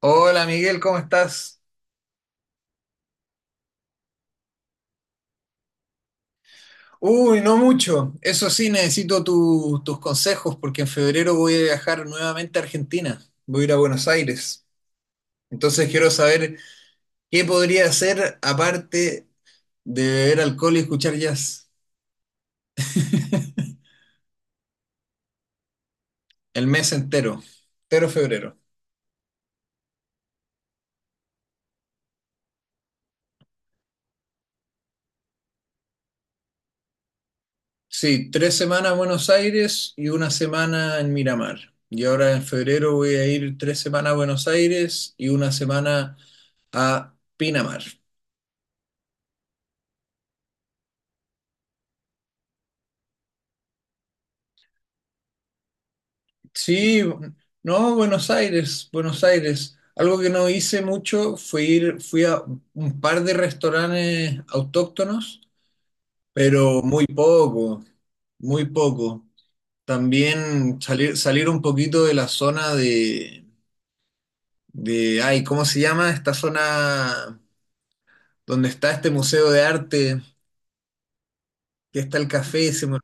Hola Miguel, ¿cómo estás? Uy, no mucho. Eso sí, necesito tus consejos porque en febrero voy a viajar nuevamente a Argentina. Voy a ir a Buenos Aires. Entonces quiero saber qué podría hacer aparte de beber alcohol y escuchar jazz el mes entero, entero febrero. Sí, tres semanas en Buenos Aires y una semana en Miramar. Y ahora en febrero voy a ir tres semanas a Buenos Aires y una semana a Pinamar. Sí, no, Buenos Aires, Buenos Aires. Algo que no hice mucho fue fui a un par de restaurantes autóctonos, pero muy poco, muy poco. También salir un poquito de la zona de, ay, ¿cómo se llama? Esta zona donde está este museo de arte, que está el café,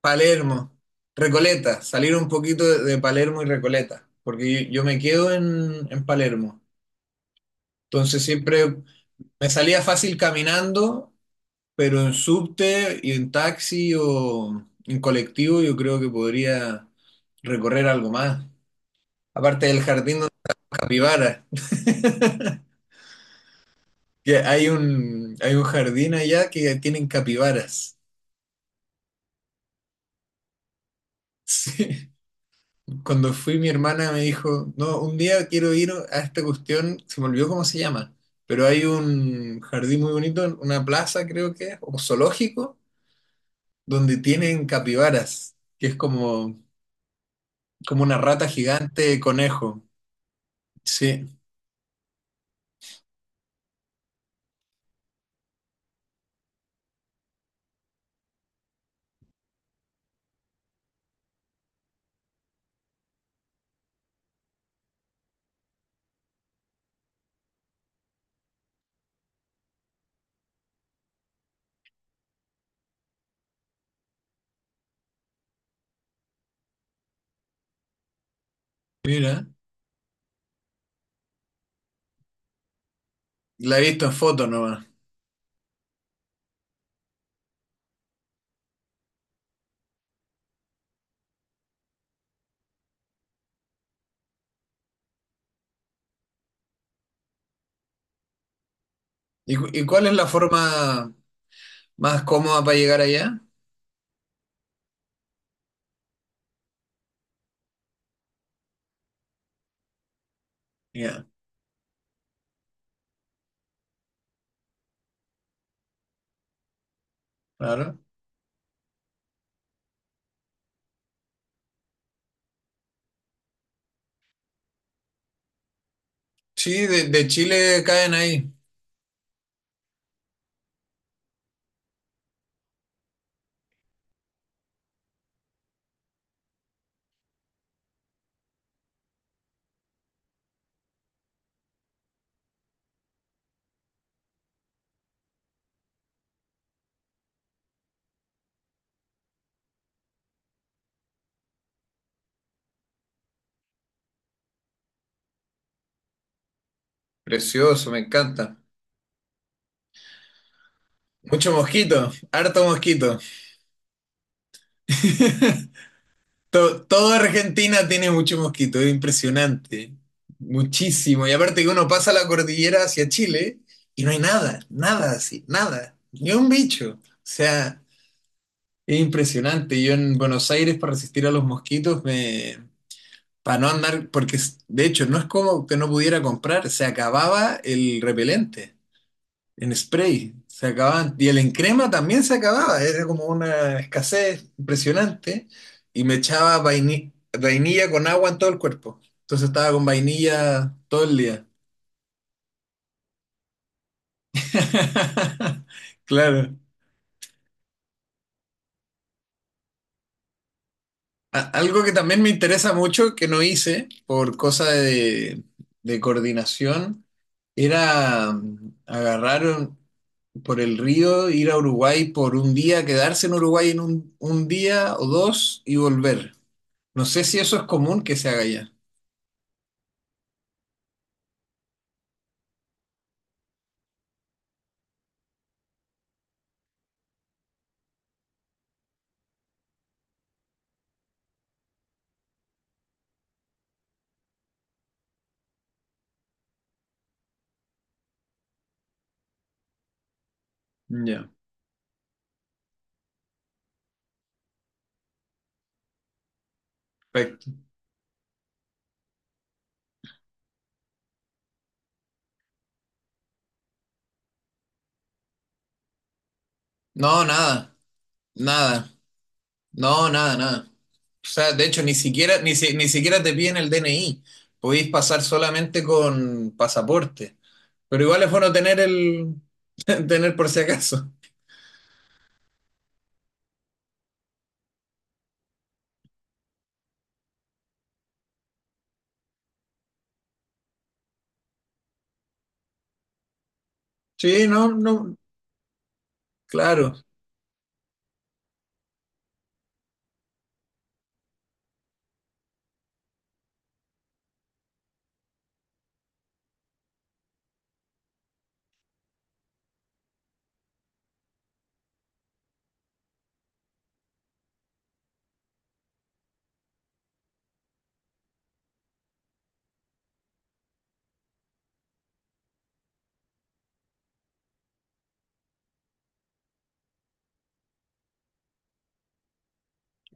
Palermo, Recoleta, salir un poquito de Palermo y Recoleta, porque yo me quedo en Palermo. Entonces siempre me salía fácil caminando, pero en subte y en taxi o en colectivo yo creo que podría recorrer algo más. Aparte del jardín de las capibaras, que hay un jardín allá que tienen capibaras. Sí. Cuando fui mi hermana me dijo, no, un día quiero ir a esta cuestión, se me olvidó cómo se llama, pero hay un jardín muy bonito, una plaza creo que es, o zoológico donde tienen capibaras, que es como una rata gigante conejo. Sí, mira, la he visto en foto nomás. ¿Y, y cuál es la forma más cómoda para llegar allá? Ya, claro. Sí, de Chile caen ahí. Precioso, me encanta. Mucho mosquito, harto mosquito. Todo Argentina tiene mucho mosquito, es impresionante. Muchísimo. Y aparte que uno pasa la cordillera hacia Chile y no hay nada, nada así, nada. Ni un bicho. O sea, es impresionante. Yo en Buenos Aires para resistir a los mosquitos me... Para no andar, porque de hecho no es como que no pudiera comprar, se acababa el repelente en spray, se acababan, y el en crema también se acababa, era como una escasez impresionante, y me echaba vainilla con agua en todo el cuerpo, entonces estaba con vainilla todo el día. Claro. Algo que también me interesa mucho, que no hice por cosa de coordinación, era por el río, ir a Uruguay por un día, quedarse en Uruguay en un día o dos y volver. No sé si eso es común que se haga ya. Ya. Perfecto. No, nada, nada. No, nada, nada. O sea, de hecho, ni siquiera, ni, ni siquiera te piden el DNI. Podéis pasar solamente con pasaporte. Pero igual es bueno tener el. Tener por si acaso. Sí, no, no, claro,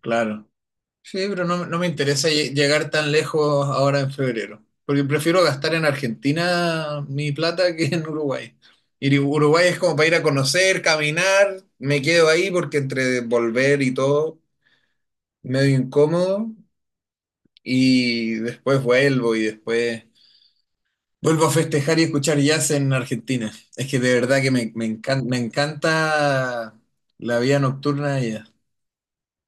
claro. Sí, pero no, no me interesa llegar tan lejos ahora en febrero. Porque prefiero gastar en Argentina mi plata que en Uruguay. Y Uruguay es como para ir a conocer, caminar, me quedo ahí porque entre volver y todo, medio incómodo. Y después vuelvo y después vuelvo a festejar y escuchar jazz en Argentina. Es que de verdad que me encanta la vida nocturna de allá.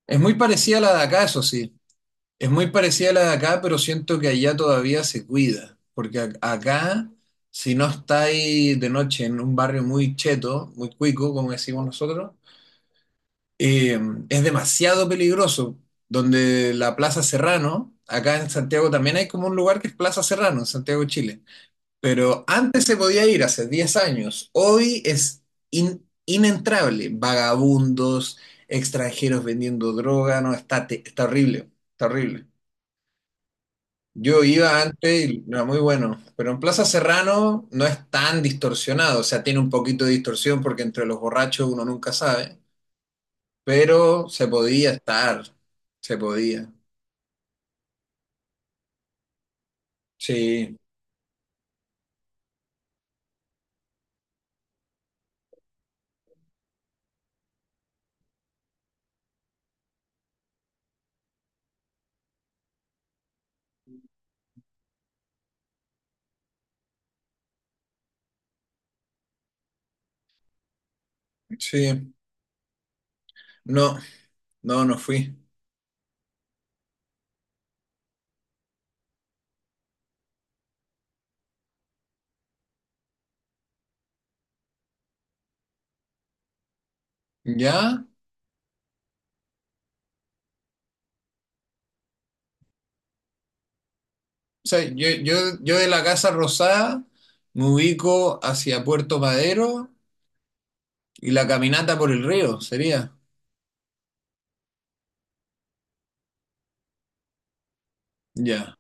Es muy parecida a la de acá, eso sí. Es muy parecida a la de acá, pero siento que allá todavía se cuida. Porque acá, si no estáis de noche en un barrio muy cheto, muy cuico, como decimos nosotros, eh, es demasiado peligroso. Donde la Plaza Serrano, acá en Santiago también hay como un lugar que es Plaza Serrano, en Santiago, Chile. Pero antes se podía ir, hace 10 años. Hoy es inentrable. Vagabundos, extranjeros vendiendo droga, no, está horrible, está horrible. Yo iba antes y era muy bueno, pero en Plaza Serrano no es tan distorsionado, o sea, tiene un poquito de distorsión porque entre los borrachos uno nunca sabe, pero se podía estar, se podía. Sí, sí. No, no, no fui. ¿Ya? O sea, yo de la Casa Rosada me ubico hacia Puerto Madero y la caminata por el río sería. Ya,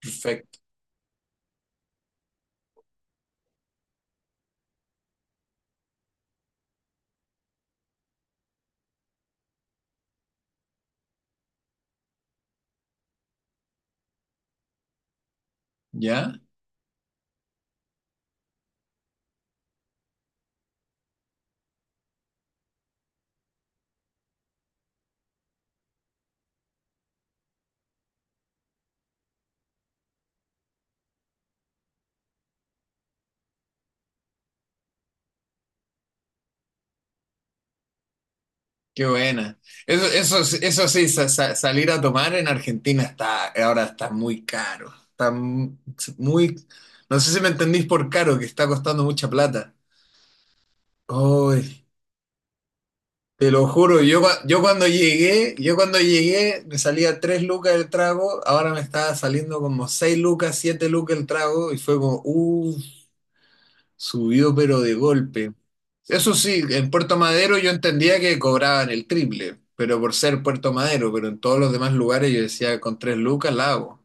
perfecto. ¿Ya? Qué buena. Eso, eso sí, salir a tomar en Argentina está, ahora está muy caro. Está muy, no sé si me entendís por caro, que está costando mucha plata. Uy. Te lo juro, yo cuando llegué me salía 3 lucas el trago, ahora me estaba saliendo como 6 lucas, 7 lucas el trago y fue como, subió pero de golpe. Eso sí, en Puerto Madero yo entendía que cobraban el triple, pero por ser Puerto Madero, pero en todos los demás lugares yo decía, con 3 lucas la hago.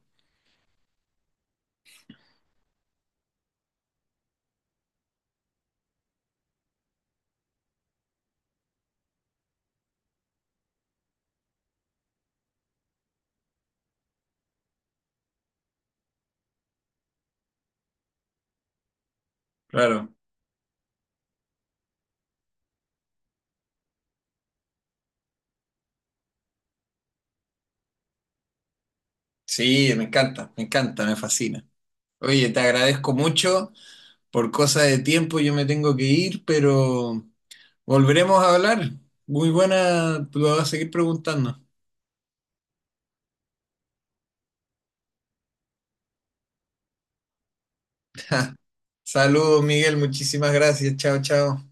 Claro. Sí, me encanta, me encanta, me fascina. Oye, te agradezco mucho, por cosa de tiempo yo me tengo que ir, pero... Volveremos a hablar. Muy buena, tú lo vas a seguir preguntando. Saludos, Miguel, muchísimas gracias. Chao, chao.